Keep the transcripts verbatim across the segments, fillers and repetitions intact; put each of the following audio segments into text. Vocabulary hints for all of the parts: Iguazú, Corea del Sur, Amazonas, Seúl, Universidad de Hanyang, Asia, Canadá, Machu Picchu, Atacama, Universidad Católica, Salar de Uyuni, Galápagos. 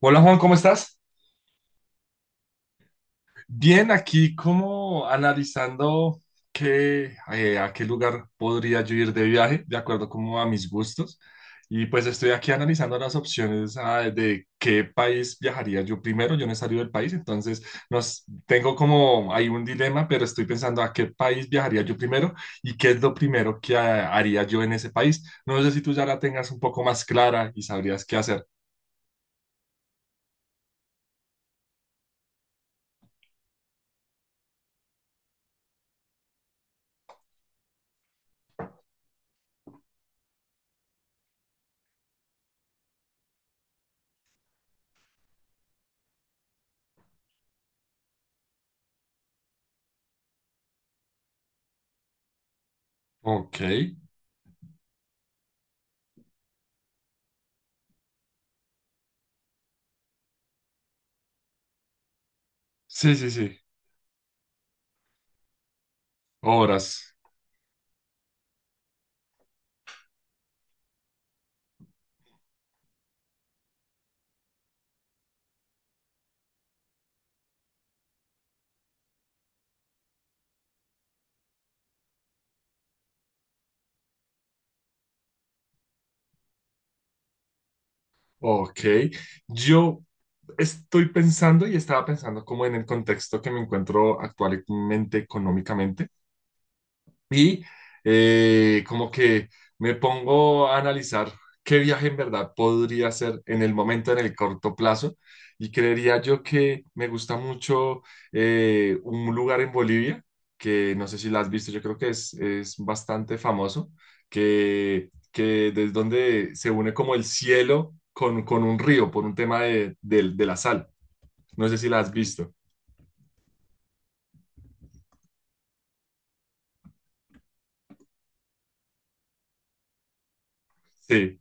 Hola Juan, ¿cómo estás? Bien, aquí como analizando qué, eh, a qué lugar podría yo ir de viaje, de acuerdo como a mis gustos. Y pues estoy aquí analizando las opciones ah, de qué país viajaría yo primero. Yo no he salido del país, entonces nos, tengo como hay un dilema, pero estoy pensando a qué país viajaría yo primero y qué es lo primero que ah, haría yo en ese país. No sé si tú ya la tengas un poco más clara y sabrías qué hacer. Ok, sí, sí, sí, obras. Ok, yo estoy pensando y estaba pensando como en el contexto que me encuentro actualmente económicamente. Y eh, como que me pongo a analizar qué viaje en verdad podría hacer en el momento, en el corto plazo. Y creería yo que me gusta mucho eh, un lugar en Bolivia, que no sé si la has visto, yo creo que es, es bastante famoso, que, que desde donde se une como el cielo con, con un río por un tema de, del- de la sal. No sé si la has visto. Sí.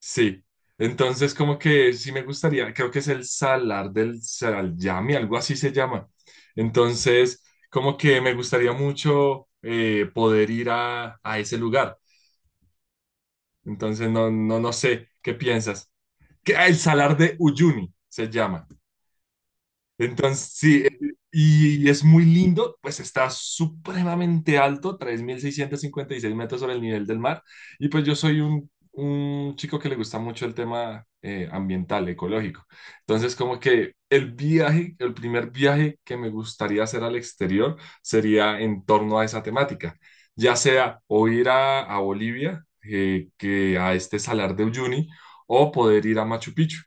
Sí, entonces como que sí me gustaría, creo que es el salar del Salyami, algo así se llama. Entonces, como que me gustaría mucho eh, poder ir a, a ese lugar. Entonces, no, no, no sé, ¿qué piensas? Que ah, el salar de Uyuni se llama. Entonces, sí, eh, y, es muy lindo, pues está supremamente alto, tres mil seiscientos cincuenta y seis metros sobre el nivel del mar. Y pues yo soy un, un chico que le gusta mucho el tema eh, ambiental, ecológico. Entonces, como que el viaje, el primer viaje que me gustaría hacer al exterior sería en torno a esa temática, ya sea o ir a, a Bolivia, eh, que a este Salar de Uyuni, o poder ir a Machu Picchu.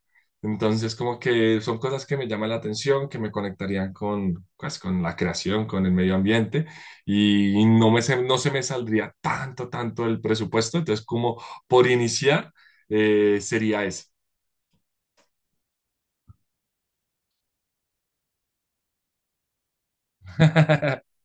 Entonces, como que son cosas que me llaman la atención, que me conectarían con, pues, con la creación, con el medio ambiente, y no me se, no se me saldría tanto, tanto el presupuesto. Entonces, como por iniciar, eh, sería eso.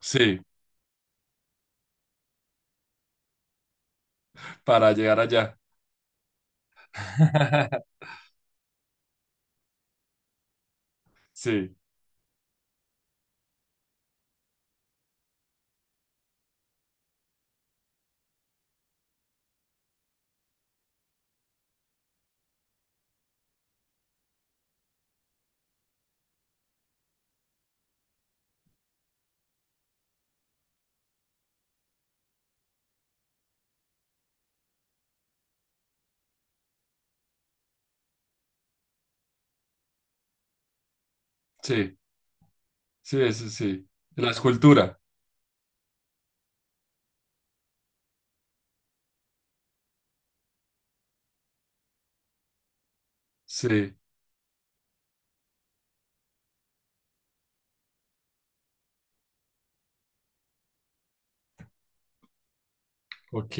Sí, para llegar allá. Sí, sí, sí, eso sí. La escultura. Sí, ok,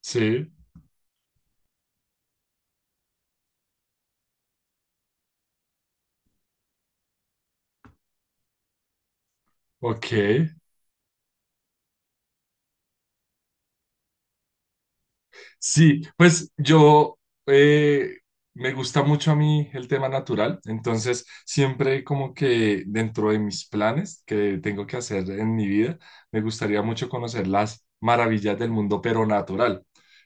sí, ok. Sí, pues yo eh, me gusta mucho a mí el tema natural, entonces siempre como que dentro de mis planes que tengo que hacer en mi vida, me gustaría mucho conocer las maravillas del mundo, pero natural,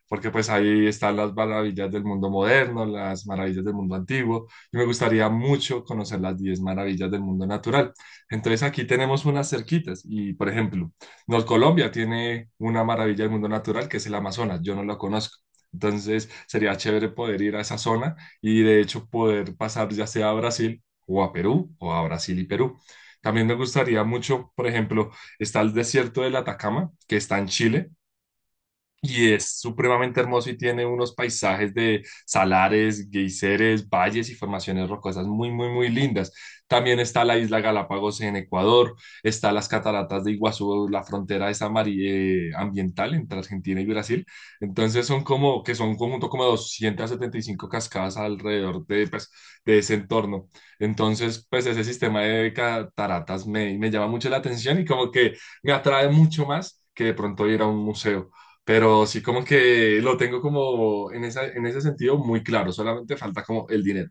porque pues ahí están las maravillas del mundo moderno, las maravillas del mundo antiguo, y me gustaría mucho conocer las diez maravillas del mundo natural. Entonces aquí tenemos unas cerquitas y, por ejemplo, nos Colombia tiene una maravilla del mundo natural que es el Amazonas, yo no lo conozco. Entonces sería chévere poder ir a esa zona y de hecho poder pasar ya sea a Brasil o a Perú o a Brasil y Perú. También me gustaría mucho, por ejemplo, está el desierto del Atacama, que está en Chile, y es supremamente hermoso y tiene unos paisajes de salares, geyseres, valles y formaciones rocosas muy, muy, muy lindas. También está la isla Galápagos en Ecuador, está las cataratas de Iguazú, la frontera esa mari- eh, ambiental entre Argentina y Brasil. Entonces son como, que son un conjunto como de doscientas setenta y cinco cascadas alrededor de, pues, de ese entorno. Entonces, pues ese sistema de cataratas me, me llama mucho la atención y como que me atrae mucho más que de pronto ir a un museo. Pero sí como que lo tengo como en esa, en ese sentido muy claro, solamente falta como el dinero.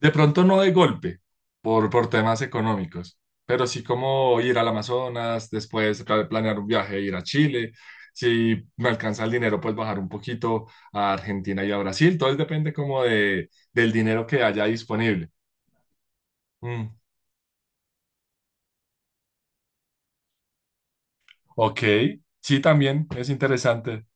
De pronto no de golpe, por, por temas económicos, pero sí como ir al Amazonas, después pla- planear un viaje, ir a Chile. Si me alcanza el dinero, pues bajar un poquito a Argentina y a Brasil. Todo depende como de, del dinero que haya disponible. Mm. Ok, sí, también es interesante.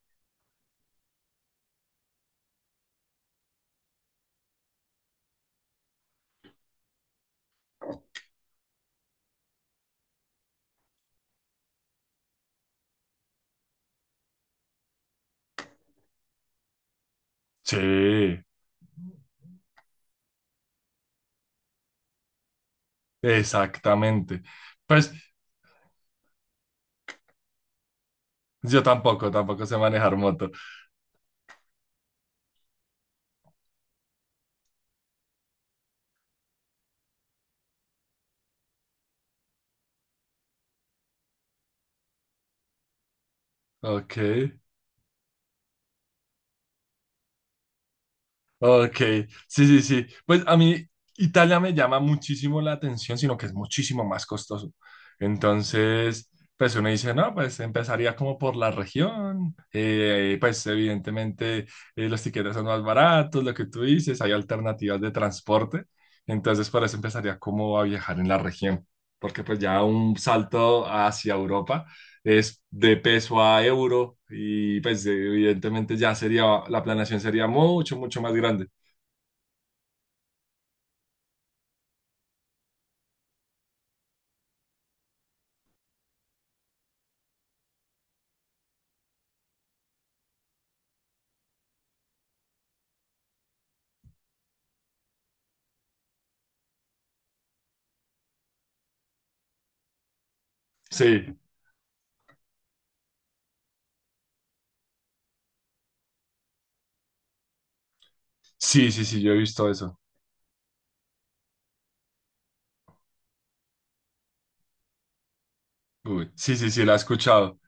Sí, exactamente. Pues yo tampoco, tampoco sé manejar moto. Ok, ok, sí, sí, sí. Pues a mí Italia me llama muchísimo la atención, sino que es muchísimo más costoso. Entonces, pues uno dice, no, pues empezaría como por la región. Eh, pues evidentemente eh, los tiquetes son más baratos, lo que tú dices, hay alternativas de transporte. Entonces, por eso empezaría como a viajar en la región, porque pues ya un salto hacia Europa es de peso a euro y pues evidentemente ya sería, la planeación sería mucho, mucho más grande. Sí, sí, sí, sí, yo he visto eso. Uy, sí, sí, sí, la he escuchado.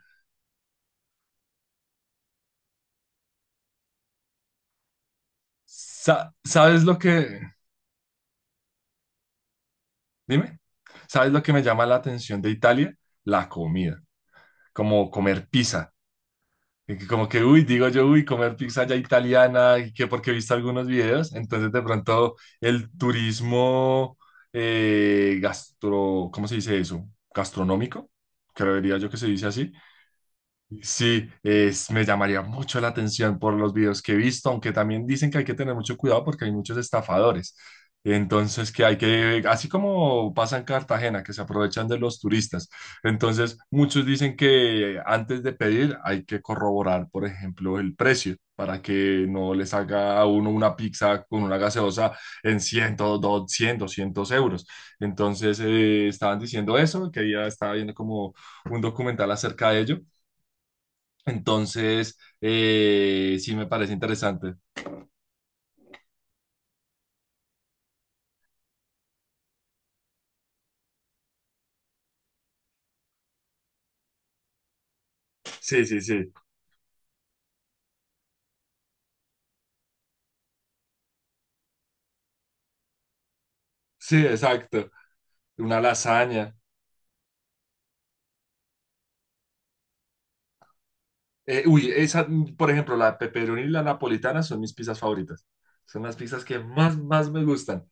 Sa- ¿Sabes lo que, dime? ¿Sabes lo que me llama la atención de Italia? La comida, como comer pizza. Y que Como que, uy, digo yo, uy, comer pizza ya italiana, y que porque he visto algunos videos, entonces de pronto el turismo eh, gastro, ¿cómo se dice eso? Gastronómico, creería yo que se dice así, sí, es, me llamaría mucho la atención por los videos que he visto, aunque también dicen que hay que tener mucho cuidado porque hay muchos estafadores. Entonces, que hay que, así como pasa en Cartagena, que se aprovechan de los turistas. Entonces, muchos dicen que antes de pedir hay que corroborar, por ejemplo, el precio para que no les haga a uno una pizza con una gaseosa en cien, doscientos, doscientos euros. Entonces, eh, estaban diciendo eso, que ya estaba viendo como un documental acerca de ello entonces, eh, sí me parece interesante. Sí, sí, sí. Sí, exacto. Una lasaña. Eh, uy, esa, mm, por ejemplo, la pepperoni y la napolitana son mis pizzas favoritas. Son las pizzas que más, más me gustan.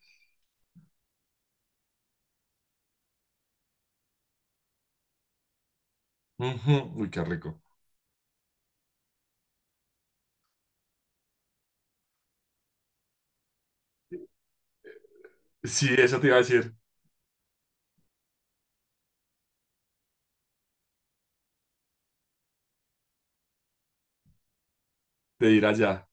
Ujú, uy, qué rico. Sí, eso te iba a decir, de ir allá.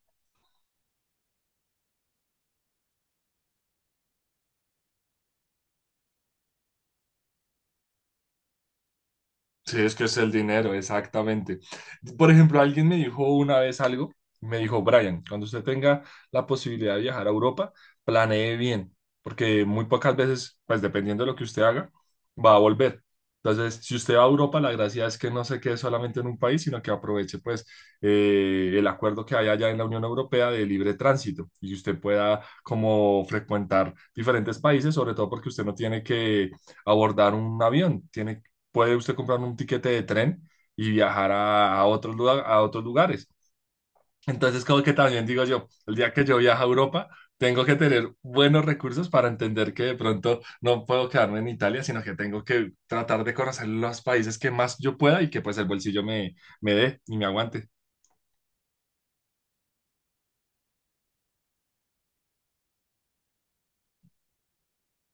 Sí, es que es el dinero, exactamente. Por ejemplo, alguien me dijo una vez algo, me dijo, Brian, cuando usted tenga la posibilidad de viajar a Europa, planee bien, porque muy pocas veces, pues dependiendo de lo que usted haga, va a volver. Entonces, si usted va a Europa, la gracia es que no se quede solamente en un país, sino que aproveche pues eh, el acuerdo que hay allá en la Unión Europea de libre tránsito y que usted pueda como frecuentar diferentes países, sobre todo porque usted no tiene que abordar un avión, tiene puede usted comprar un tiquete de tren y viajar a, a otros lugar, a otros lugares. Entonces, como que también digo yo, el día que yo viaje a Europa, tengo que tener buenos recursos para entender que de pronto no puedo quedarme en Italia, sino que tengo que tratar de conocer los países que más yo pueda y que pues el bolsillo me, me dé y me aguante.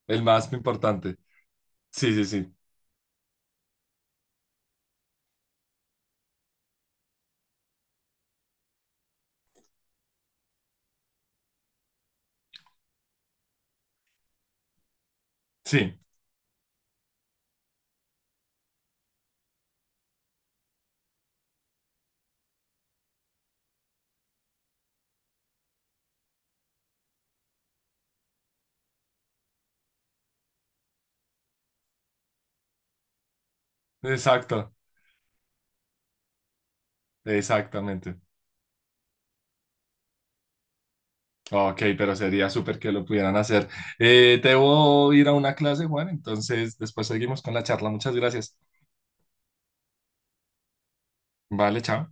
El más importante. Sí, sí, sí. Sí, exacto. Exactamente. Ok, pero sería súper que lo pudieran hacer. Eh, debo ir a una clase, Juan, entonces después seguimos con la charla. Muchas gracias. Vale, chao.